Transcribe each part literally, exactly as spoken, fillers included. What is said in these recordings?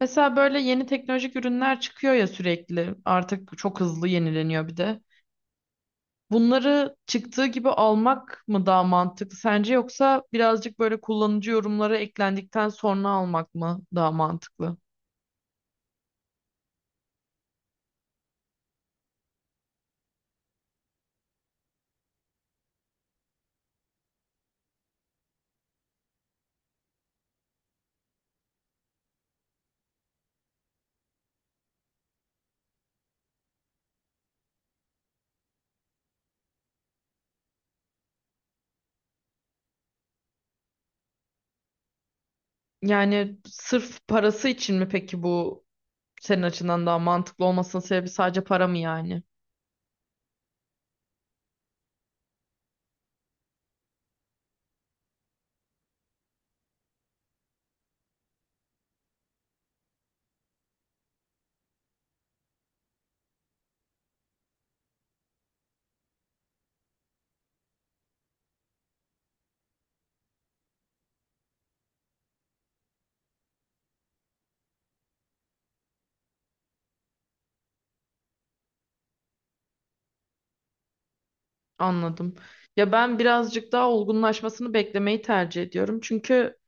Mesela böyle yeni teknolojik ürünler çıkıyor ya sürekli. Artık çok hızlı yenileniyor bir de. Bunları çıktığı gibi almak mı daha mantıklı sence yoksa birazcık böyle kullanıcı yorumları eklendikten sonra almak mı daha mantıklı? Yani sırf parası için mi peki bu senin açından daha mantıklı olmasının sebebi sadece para mı yani? Anladım. Ya ben birazcık daha olgunlaşmasını beklemeyi tercih ediyorum. Çünkü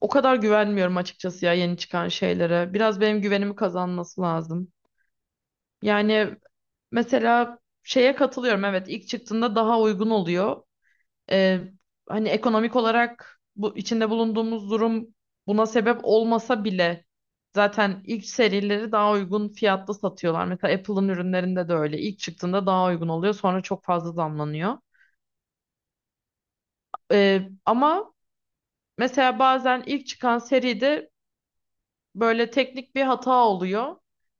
o kadar güvenmiyorum açıkçası ya yeni çıkan şeylere. Biraz benim güvenimi kazanması lazım. Yani mesela şeye katılıyorum, evet, ilk çıktığında daha uygun oluyor. Ee, hani ekonomik olarak bu içinde bulunduğumuz durum buna sebep olmasa bile zaten ilk serileri daha uygun fiyatlı satıyorlar. Mesela Apple'ın ürünlerinde de öyle. İlk çıktığında daha uygun oluyor, sonra çok fazla zamlanıyor. Ee, ama mesela bazen ilk çıkan seride böyle teknik bir hata oluyor.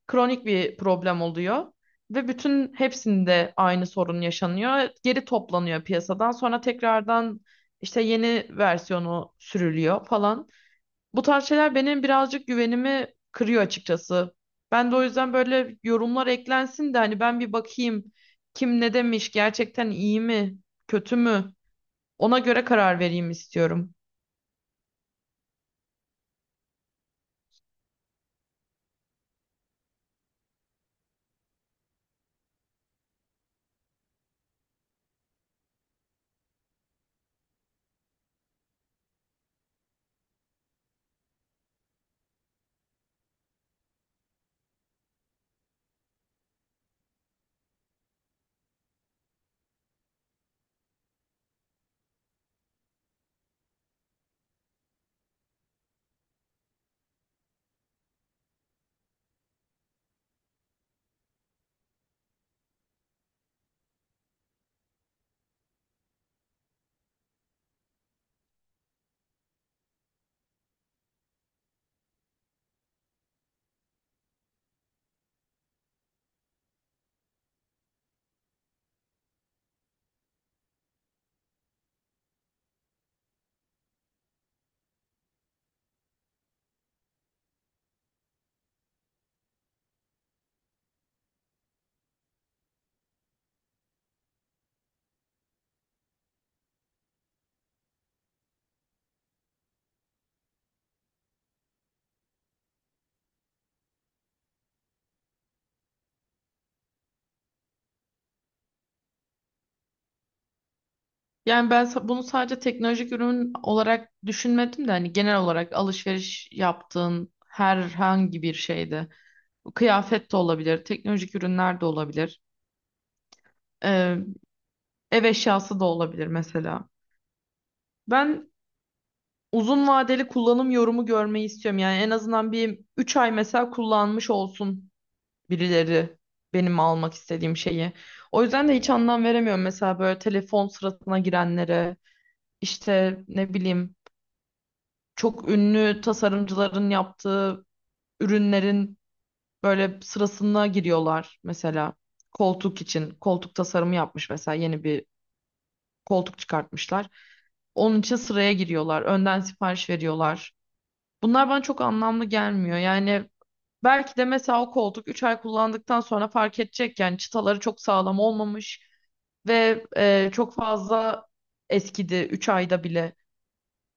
Kronik bir problem oluyor. Ve bütün hepsinde aynı sorun yaşanıyor. Geri toplanıyor piyasadan. Sonra tekrardan işte yeni versiyonu sürülüyor falan. Bu tarz şeyler benim birazcık güvenimi kırıyor açıkçası. Ben de o yüzden böyle yorumlar eklensin de hani ben bir bakayım, kim ne demiş, gerçekten iyi mi, kötü mü? Ona göre karar vereyim istiyorum. Yani ben sa- bunu sadece teknolojik ürün olarak düşünmedim de hani genel olarak alışveriş yaptığın herhangi bir şeyde. Bu kıyafet de olabilir, teknolojik ürünler de olabilir. Ee, ev eşyası da olabilir mesela. Ben uzun vadeli kullanım yorumu görmeyi istiyorum. Yani en azından bir üç ay mesela kullanmış olsun birileri benim almak istediğim şeyi. O yüzden de hiç anlam veremiyorum mesela böyle telefon sırasına girenlere, işte ne bileyim, çok ünlü tasarımcıların yaptığı ürünlerin böyle sırasına giriyorlar mesela. Koltuk için koltuk tasarımı yapmış, mesela yeni bir koltuk çıkartmışlar. Onun için sıraya giriyorlar. Önden sipariş veriyorlar. Bunlar bana çok anlamlı gelmiyor. Yani belki de mesela o koltuk üç ay kullandıktan sonra fark edecek. Yani çıtaları çok sağlam olmamış ve e, çok fazla eskidi üç ayda bile.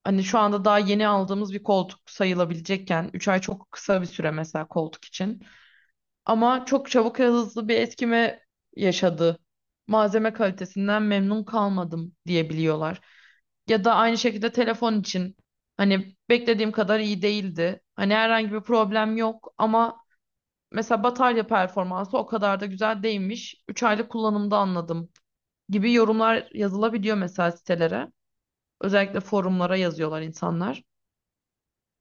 Hani şu anda daha yeni aldığımız bir koltuk sayılabilecekken üç ay çok kısa bir süre mesela koltuk için. Ama çok çabuk ve hızlı bir etkime yaşadı. Malzeme kalitesinden memnun kalmadım diyebiliyorlar. Ya da aynı şekilde telefon için hani beklediğim kadar iyi değildi. Hani herhangi bir problem yok ama mesela batarya performansı o kadar da güzel değilmiş. Üç aylık kullanımda anladım gibi yorumlar yazılabiliyor mesela sitelere. Özellikle forumlara yazıyorlar insanlar.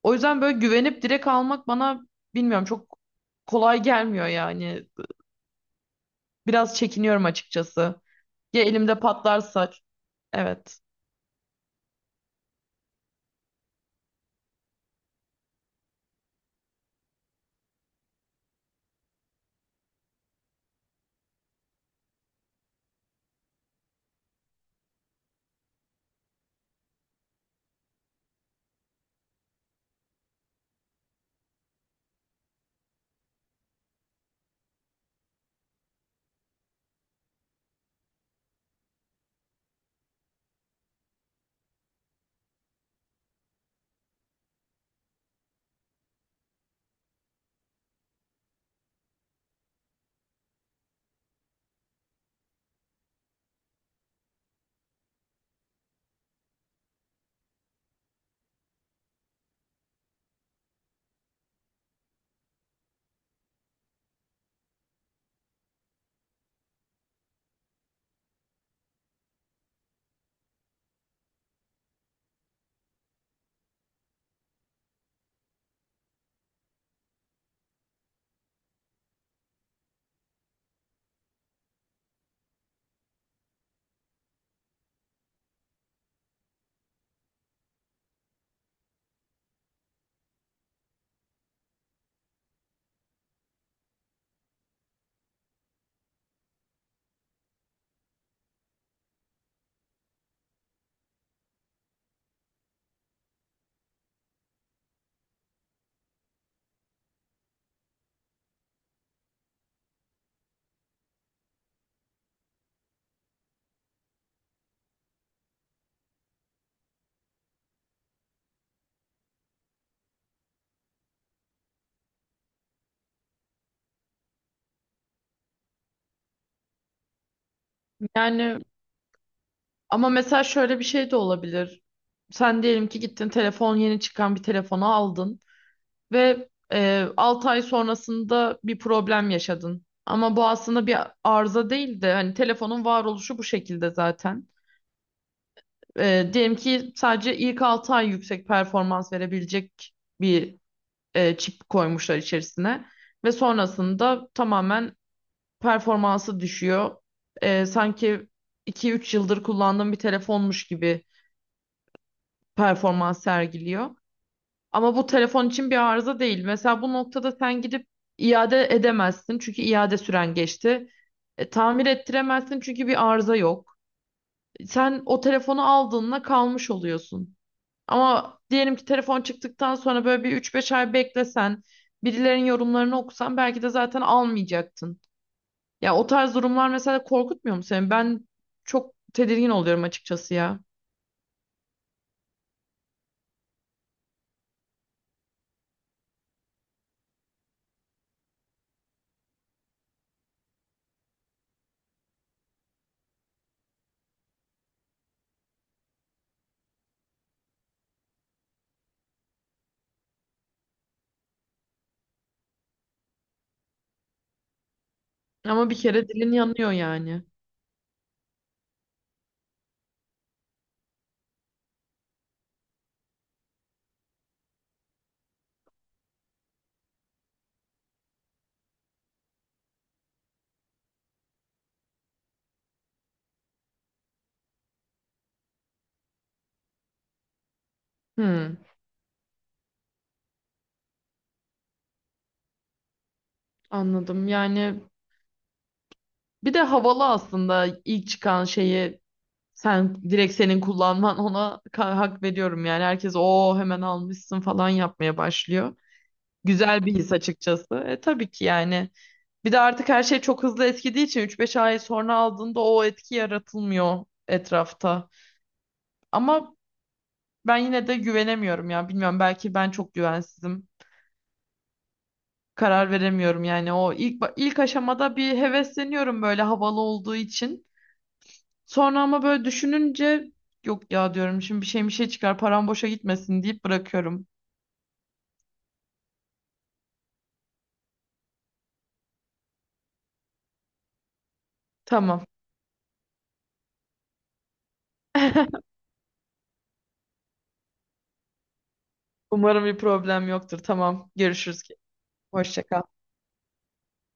O yüzden böyle güvenip direkt almak bana, bilmiyorum, çok kolay gelmiyor yani. Biraz çekiniyorum açıkçası. Ya elimde patlarsa. Evet. Yani ama mesela şöyle bir şey de olabilir. Sen diyelim ki gittin, telefon, yeni çıkan bir telefonu aldın ve e, 6 ay sonrasında bir problem yaşadın. Ama bu aslında bir arıza değil de hani telefonun varoluşu bu şekilde zaten. E, diyelim ki sadece ilk 6 ay yüksek performans verebilecek bir e, çip koymuşlar içerisine ve sonrasında tamamen performansı düşüyor. Ee, sanki iki üç yıldır kullandığım bir telefonmuş gibi performans sergiliyor. Ama bu telefon için bir arıza değil. Mesela bu noktada sen gidip iade edemezsin çünkü iade süren geçti. E, tamir ettiremezsin çünkü bir arıza yok. Sen o telefonu aldığında kalmış oluyorsun. Ama diyelim ki telefon çıktıktan sonra böyle bir üç beş ay beklesen, birilerinin yorumlarını okusan belki de zaten almayacaktın. Ya o tarz durumlar mesela korkutmuyor mu seni? Ben çok tedirgin oluyorum açıkçası ya. Ama bir kere dilin yanıyor yani. Hmm, anladım. Yani bir de havalı aslında ilk çıkan şeyi sen direkt, senin kullanman ona ka- hak veriyorum yani. Herkes o hemen almışsın falan yapmaya başlıyor. Güzel bir his açıkçası. E, tabii ki yani. Bir de artık her şey çok hızlı eskidiği için üç beş ay sonra aldığında o etki yaratılmıyor etrafta. Ama ben yine de güvenemiyorum ya. Bilmiyorum, belki ben çok güvensizim. Karar veremiyorum yani. O ilk ba- ilk aşamada bir hevesleniyorum böyle havalı olduğu için. Sonra ama böyle düşününce yok ya diyorum, şimdi bir şey bir şey çıkar, param boşa gitmesin deyip bırakıyorum. Tamam. Umarım bir problem yoktur. Tamam. Görüşürüz. Hoşça kal.